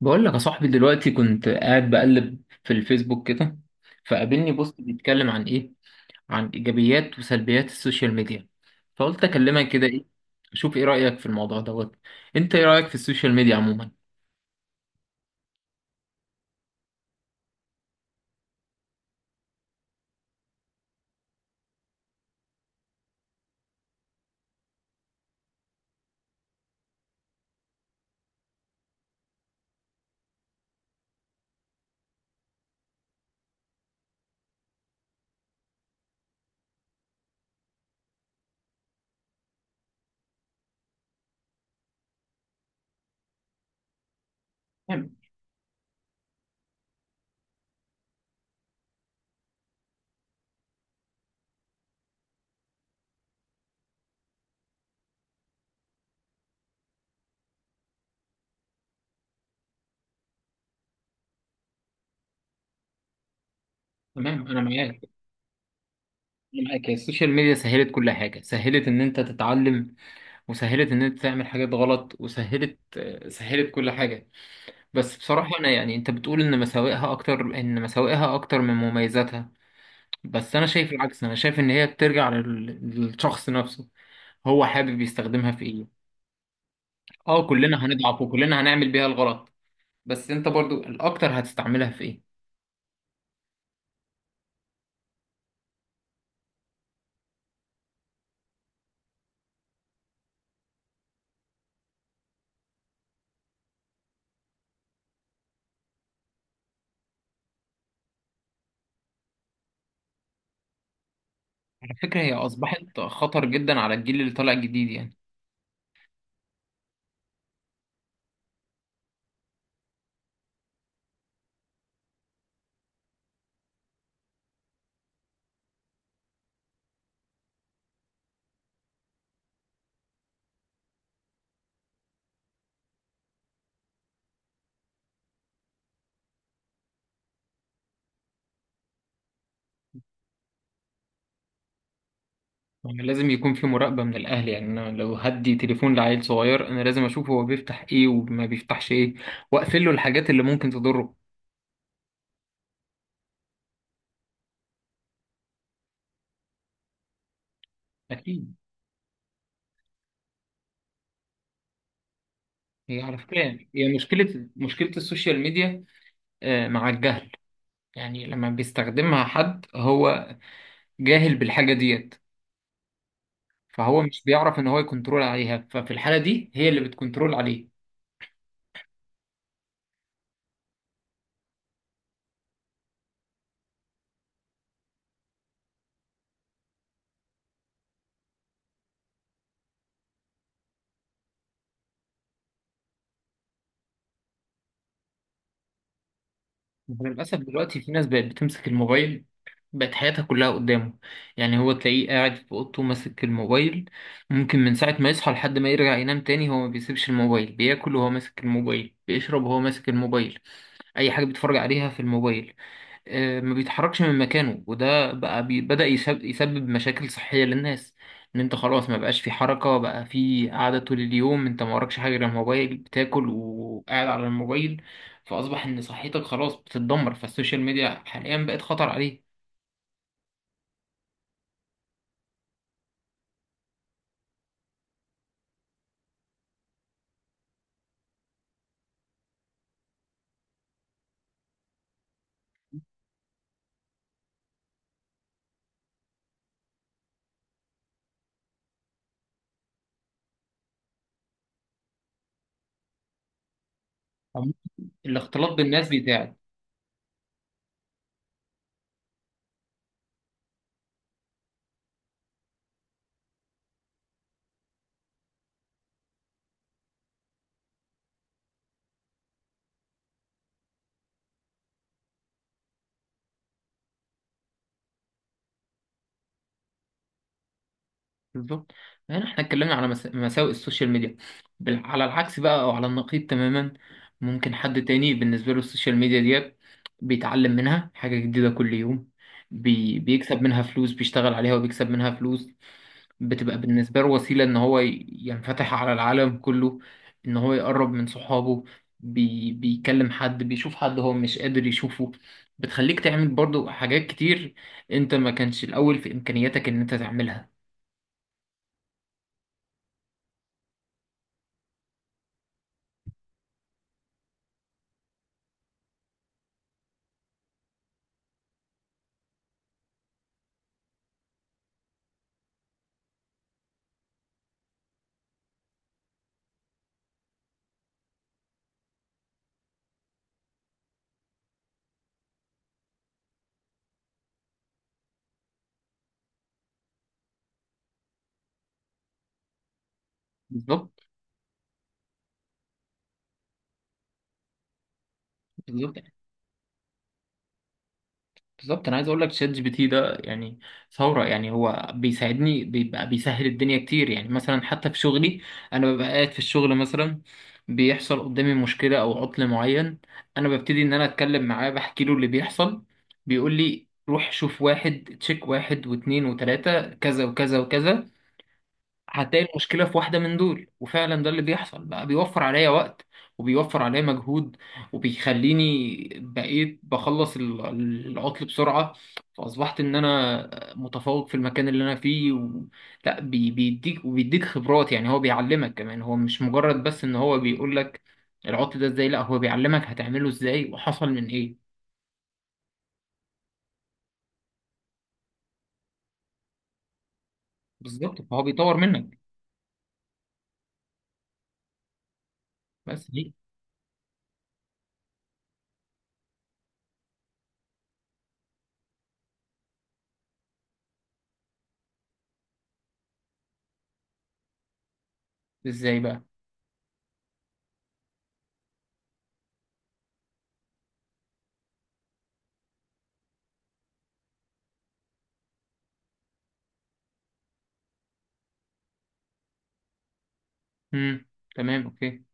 بقول لك يا صاحبي دلوقتي كنت قاعد بقلب في الفيسبوك كده، فقابلني بوست بيتكلم عن ايه؟ عن ايجابيات وسلبيات السوشيال ميديا. فقلت اكلمك كده، ايه اشوف ايه رأيك في الموضوع دوت. انت ايه رأيك في السوشيال ميديا عموما؟ تمام. تمام. انا معاك. هي السوشيال ميديا سهلت كل حاجة، سهلت ان انت تتعلم، وسهلت ان انت تعمل حاجات غلط، وسهلت سهلت كل حاجة. بس بصراحة انا يعني انت بتقول ان مساوئها اكتر من مميزاتها. بس انا شايف العكس، انا شايف ان هي بترجع للشخص نفسه. هو حابب يستخدمها في ايه؟ اه، كلنا هنضعف وكلنا هنعمل بيها الغلط. بس انت برضو الاكتر هتستعملها في ايه؟ على فكرة هي اصبحت خطر جدا على الجيل اللي طالع جديد يعني. يعني لازم يكون في مراقبة من الاهل، يعني انا لو هدي تليفون لعيل صغير انا لازم اشوف هو بيفتح ايه وما بيفتحش ايه، واقفل له الحاجات اللي ممكن تضره. اكيد. هي على فكرة يعني هي مشكلة السوشيال ميديا مع الجهل. يعني لما بيستخدمها حد، هو جاهل بالحاجة ديت. فهو مش بيعرف ان هو يكنترول عليها، ففي الحالة دي هي اللي بتكنترول عليه. للأسف دلوقتي في ناس بقت بتمسك الموبايل، بقت حياتها كلها قدامه. يعني هو تلاقيه قاعد في اوضته ماسك الموبايل، ممكن من ساعة ما يصحى لحد ما يرجع ينام تاني، هو ما بيسيبش الموبايل. بياكل وهو ماسك الموبايل، بيشرب وهو ماسك الموبايل، اي حاجة بيتفرج عليها في الموبايل ما بيتحركش من مكانه. وده بقى بدأ يسبب مشاكل صحية للناس، ان انت خلاص ما بقاش في حركة، بقى في قعدة طول اليوم. انت ما وراكش حاجة غير الموبايل، بتاكل وقاعد على الموبايل، فأصبح ان صحتك خلاص بتتدمر. فالسوشيال ميديا حاليا بقت خطر عليه. عم- الاختلاط بالناس بيتاعب. بالظبط. هنا احنا اتكلمنا على مساوئ السوشيال ميديا، على العكس بقى، او على النقيض تماما، ممكن حد تاني بالنسبة له السوشيال ميديا ديت بيتعلم منها حاجة جديدة كل يوم. بيكسب منها فلوس، بيشتغل عليها وبيكسب منها فلوس. بتبقى بالنسبة له وسيلة ان هو ينفتح على العالم كله، ان هو يقرب من صحابه، بيكلم حد، بيشوف حد هو مش قادر يشوفه. بتخليك تعمل برضو حاجات كتير انت ما كانش الاول في امكانياتك ان انت تعملها. بالظبط. بالظبط. بالظبط انا عايز اقول لك شات جي بي تي ده يعني ثوره. يعني هو بيساعدني، بيبقى بيسهل الدنيا كتير. يعني مثلا حتى في شغلي، انا ببقى قاعد في الشغل مثلا، بيحصل قدامي مشكله او عطل معين، انا ببتدي ان انا اتكلم معاه، بحكي له اللي بيحصل. بيقول لي روح شوف، واحد تشيك واحد واتنين وتلاته، كذا وكذا وكذا. هتلاقي المشكلة في واحدة من دول، وفعلا ده اللي بيحصل. بقى بيوفر عليا وقت وبيوفر عليا مجهود، وبيخليني بقيت بخلص العطل بسرعة، فأصبحت إن أنا متفوق في المكان اللي أنا فيه و... لا بي... بيديك، وبيديك خبرات. يعني هو بيعلمك كمان، هو مش مجرد بس إن هو بيقول لك العطل ده إزاي، لا هو بيعلمك هتعمله إزاي وحصل من إيه. بالظبط فهو بيطور منك. بس ليه؟ إزاي بقى؟ امم، تمام، أوكي.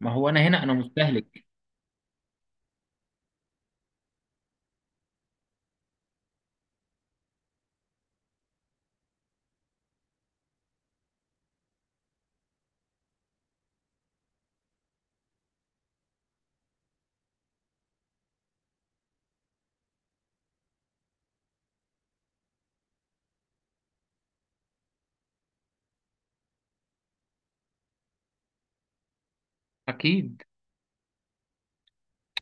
ما هو أنا هنا أنا مستهلك. أكيد.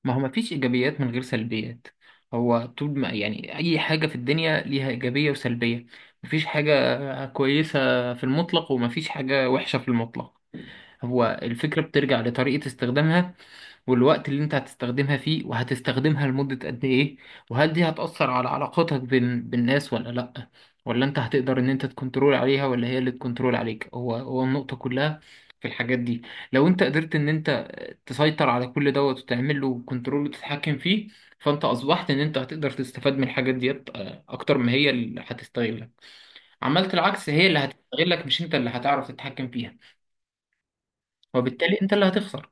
ما هو مفيش إيجابيات من غير سلبيات. هو طول ما يعني أي حاجة في الدنيا ليها إيجابية وسلبية. مفيش حاجة كويسة في المطلق، ومفيش حاجة وحشة في المطلق. هو الفكرة بترجع لطريقة استخدامها، والوقت اللي انت هتستخدمها فيه، وهتستخدمها لمدة قد ايه. وهل دي هتأثر على علاقاتك بين بالناس ولا لأ؟ ولا انت هتقدر ان انت تكنترول عليها ولا هي اللي تكنترول عليك؟ هو النقطة كلها في الحاجات دي. لو انت قدرت ان انت تسيطر على كل دوت وتعمل له كنترول وتتحكم فيه، فانت اصبحت ان انت هتقدر تستفاد من الحاجات ديت اكتر ما هي اللي هتستغلك. عملت العكس هي اللي هتستغلك، مش انت اللي هتعرف تتحكم فيها، وبالتالي انت اللي هتخسر.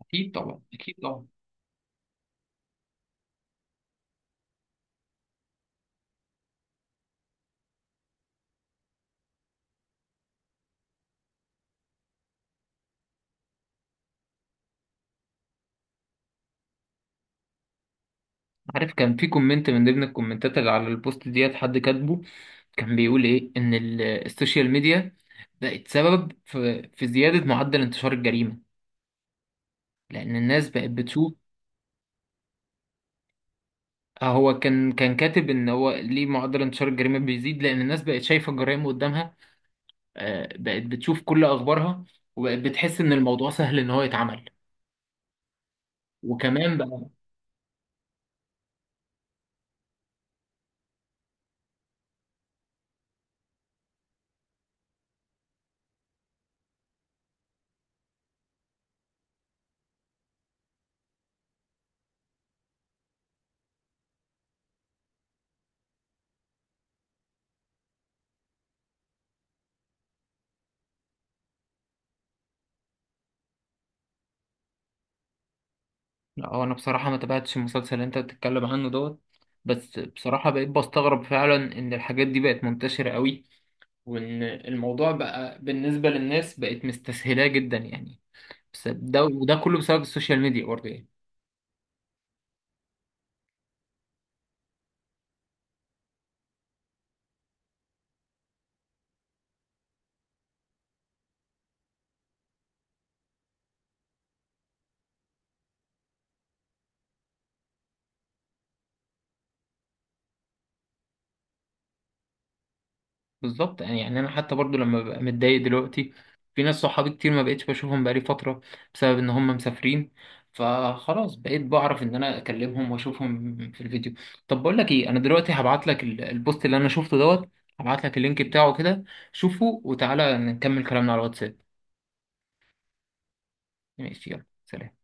اكيد طبعا، اكيد طبعا. عارف كان في كومنت من ضمن الكومنتات اللي على البوست ديت حد كاتبه، كان بيقول ايه ان السوشيال ميديا بقت سبب في زيادة معدل انتشار الجريمة، لان الناس بقت بتشوف. هو كان كاتب ان هو ليه معدل انتشار الجريمة بيزيد، لان الناس بقت شايفة الجرائم قدامها. بقت بتشوف كل اخبارها، وبقت بتحس ان الموضوع سهل ان هو يتعمل. وكمان بقى اه، انا بصراحة ما تابعتش المسلسل اللي انت بتتكلم عنه دوت. بس بصراحة بقيت بستغرب فعلا ان الحاجات دي بقت منتشرة قوي، وان الموضوع بقى بالنسبه للناس بقت مستسهلاه جدا يعني. بس ده وده كله بسبب السوشيال ميديا برضه يعني. بالظبط يعني انا حتى برضه لما ببقى متضايق دلوقتي، في ناس صحابي كتير ما بقتش بشوفهم بقالي فتره بسبب ان هم مسافرين، فخلاص بقيت بعرف ان انا اكلمهم واشوفهم في الفيديو. طب بقول لك ايه، انا دلوقتي هبعت لك البوست اللي انا شفته دوت، هبعت لك اللينك بتاعه كده، شوفه وتعالى نكمل كلامنا على الواتساب. ماشي، يلا سلام.